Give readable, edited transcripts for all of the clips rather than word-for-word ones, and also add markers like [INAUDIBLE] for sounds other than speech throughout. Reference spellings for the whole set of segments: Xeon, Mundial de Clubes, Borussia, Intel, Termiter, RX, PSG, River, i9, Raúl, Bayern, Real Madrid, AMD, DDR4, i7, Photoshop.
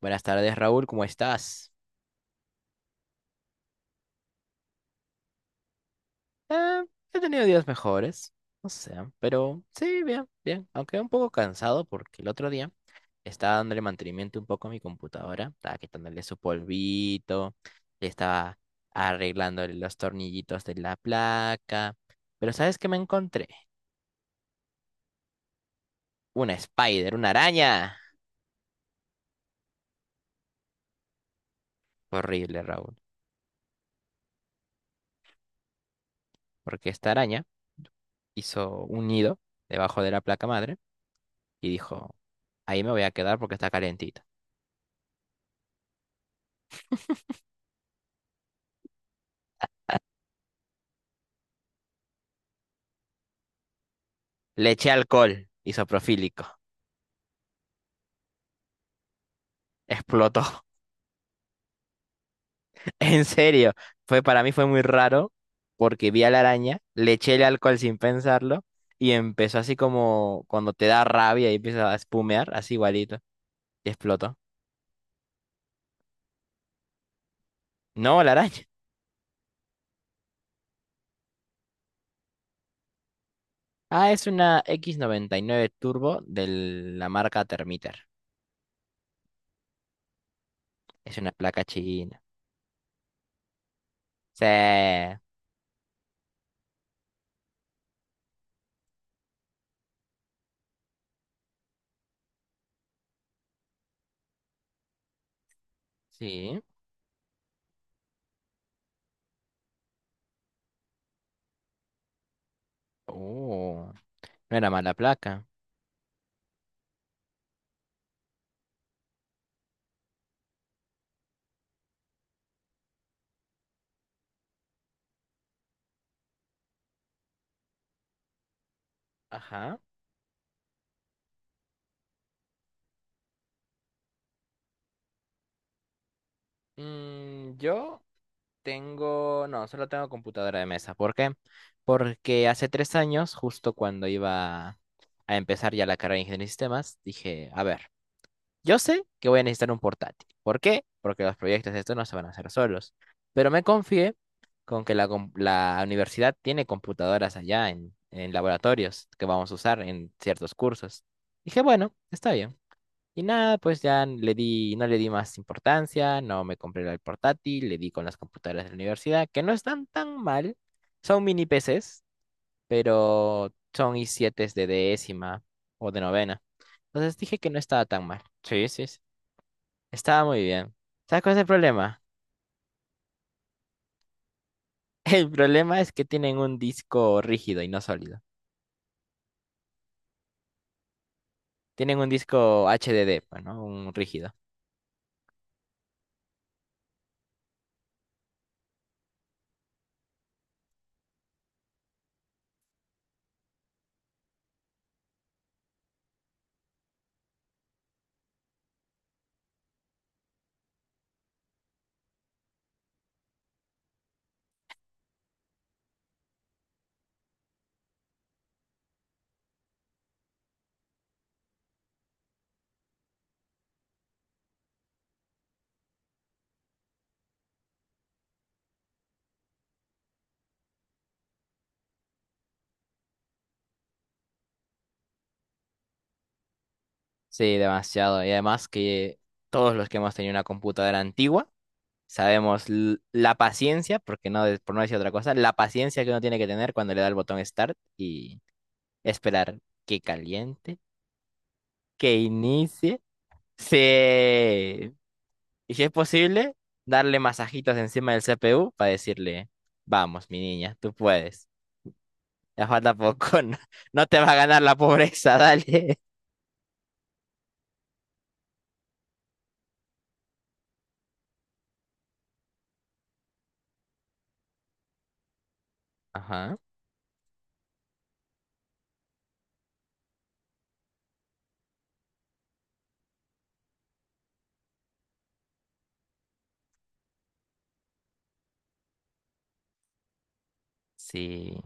Buenas tardes, Raúl, ¿cómo estás? Eh, He tenido días mejores, no sé, pero sí, bien, bien. Aunque un poco cansado porque el otro día estaba dándole mantenimiento un poco a mi computadora, estaba quitándole su polvito, le estaba arreglando los tornillitos de la placa. Pero ¿sabes qué me encontré? Una spider, una araña. Horrible, Raúl, porque esta araña hizo un nido debajo de la placa madre y dijo, ahí me voy a quedar porque está calientito. Le eché alcohol isopropílico. Explotó. [LAUGHS] En serio, fue para mí fue muy raro porque vi a la araña, le eché el alcohol sin pensarlo y empezó así como cuando te da rabia y empieza a espumear, así igualito. Y explotó. No, la araña. Ah, es una x nueve Turbo de la marca Termiter. Es una placa china. Sí. Sí. Oh, no era mala placa. Ajá. Yo tengo, no, solo tengo computadora de mesa. ¿Por qué? Porque hace tres años, justo cuando iba a empezar ya la carrera de ingeniería de sistemas, dije, a ver, yo sé que voy a necesitar un portátil. ¿Por qué? Porque los proyectos de esto no se van a hacer solos. Pero me confié con la universidad tiene computadoras allá en laboratorios que vamos a usar en ciertos cursos. Dije, bueno, está bien. Y nada, pues ya le di, no le di más importancia, no me compré el portátil, le di con las computadoras de la universidad, que no están tan mal. Son mini PCs, pero son i7 de décima o de novena. Entonces dije que no estaba tan mal. Sí, sí, sí. Estaba muy bien. ¿Sabes cuál es el problema? [LAUGHS] El problema es que tienen un disco rígido y no sólido. Tienen un disco HDD, pues, ¿no? Un rígido. Sí, demasiado. Y además que todos los que hemos tenido una computadora antigua, sabemos la paciencia, porque no, por no decir otra cosa, la paciencia que uno tiene que tener cuando le da el botón Start y esperar que caliente, que inicie. Sí. Y si es posible, darle masajitos encima del CPU para decirle, vamos, mi niña, tú puedes. Ya falta poco, [LAUGHS] no, no te va a ganar la pobreza, [LAUGHS] dale. Ajá, sí.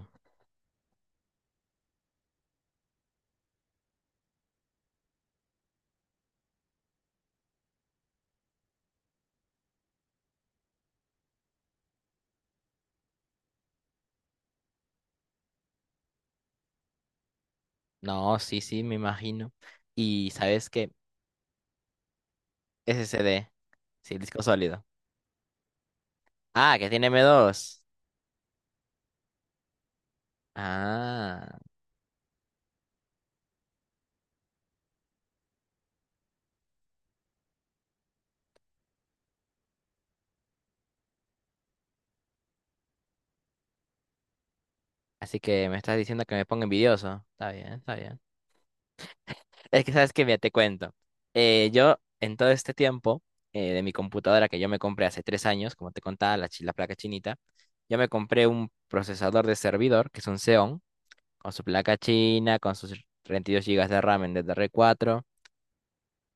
No, sí, sí, me imagino. Y ¿sabes qué? SSD, sí, disco sólido. Ah, que tiene m dos. Ah, así que me estás diciendo que me pongo envidioso. Está bien, está bien. Es que sabes que, mira, te cuento. Yo, en todo este tiempo, de mi computadora que yo me compré hace tres años, como te contaba, la placa chinita, yo me compré un procesador de servidor, que es un Xeon, con su placa china, con sus 32 gigas de RAM en ddr cuatro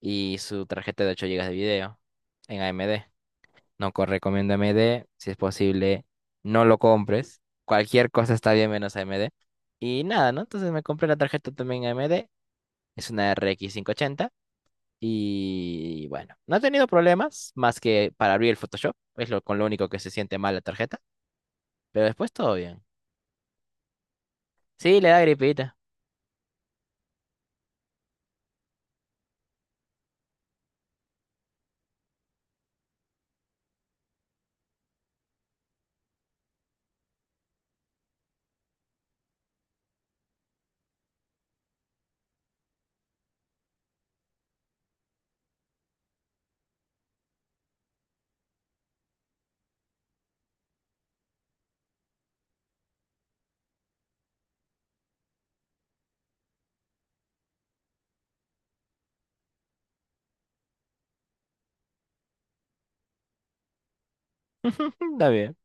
y su tarjeta de 8 gigas de video en AMD. No recomiendo AMD. Si es posible, no lo compres. Cualquier cosa está bien menos AMD. Y nada, ¿no? Entonces me compré la tarjeta también AMD. Es una RX ochenta. Y bueno, no he tenido problemas más que para abrir el Photoshop. Con lo único que se siente mal la tarjeta. Pero después todo bien. Sí, le da gripita. [LAUGHS] Está bien.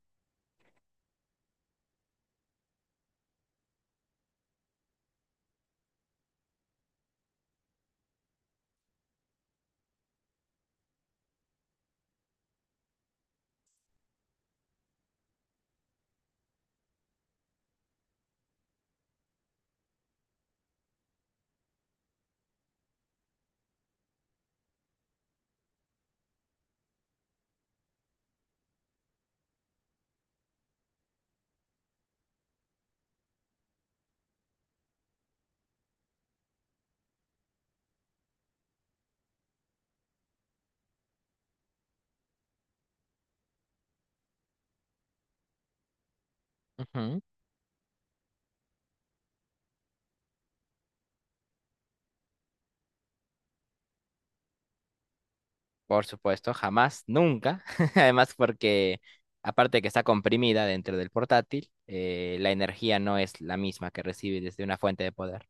Ujú. Por supuesto, jamás, nunca. [LAUGHS] Además, porque aparte de que está comprimida dentro del portátil, la energía no es la misma que recibe desde una fuente de poder.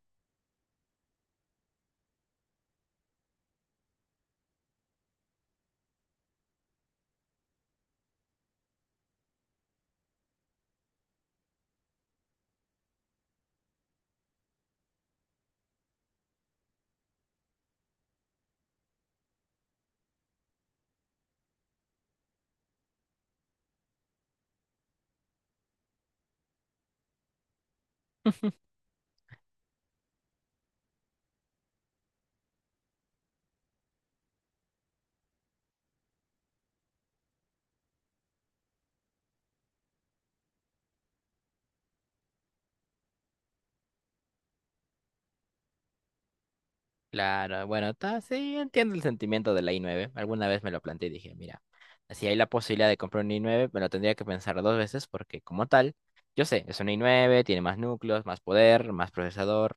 Claro, bueno, sí, entiendo el sentimiento de la i9. Alguna vez me lo planteé y dije, mira, si hay la posibilidad de comprar un i9, me lo tendría que pensar dos veces porque como tal, yo sé, es un i9, tiene más núcleos, más poder, más procesador,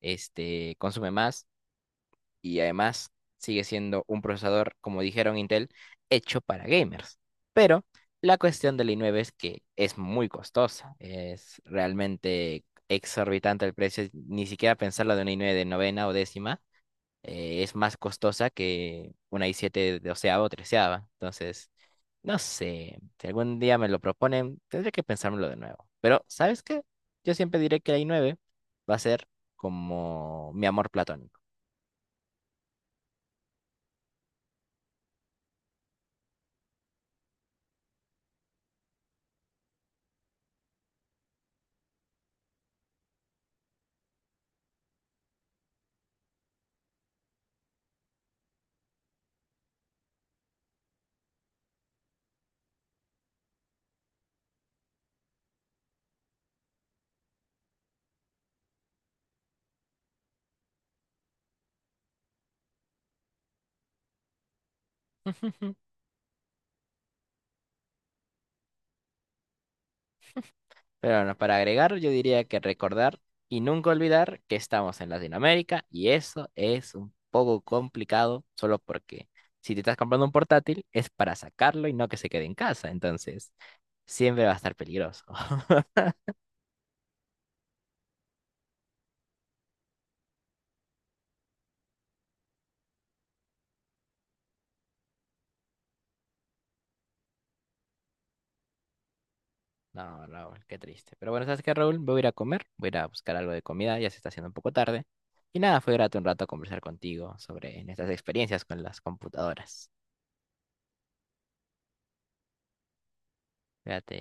este, consume más. Y además sigue siendo un procesador, como dijeron Intel, hecho para gamers. Pero la cuestión del i9 es que es muy costosa, es realmente exorbitante el precio, ni siquiera pensarlo de una i9 de novena o décima, es más costosa que una i7 de onceava o treceava. Entonces, no sé, si algún día me lo proponen, tendré que pensármelo de nuevo. Pero, ¿sabes qué? Yo siempre diré que la i9 va a ser como mi amor platónico. [LAUGHS] Pero bueno, para agregar, yo diría que recordar y nunca olvidar que estamos en Latinoamérica y eso es un poco complicado solo porque si te estás comprando un portátil es para sacarlo y no que se quede en casa, entonces siempre va a estar peligroso. [LAUGHS] No, Raúl, qué triste. Pero bueno, ¿sabes qué, Raúl? Me voy a ir a comer, voy a ir a buscar algo de comida, ya se está haciendo un poco tarde. Y nada, fue grato un rato conversar contigo sobre nuestras experiencias con las computadoras. Fíjate.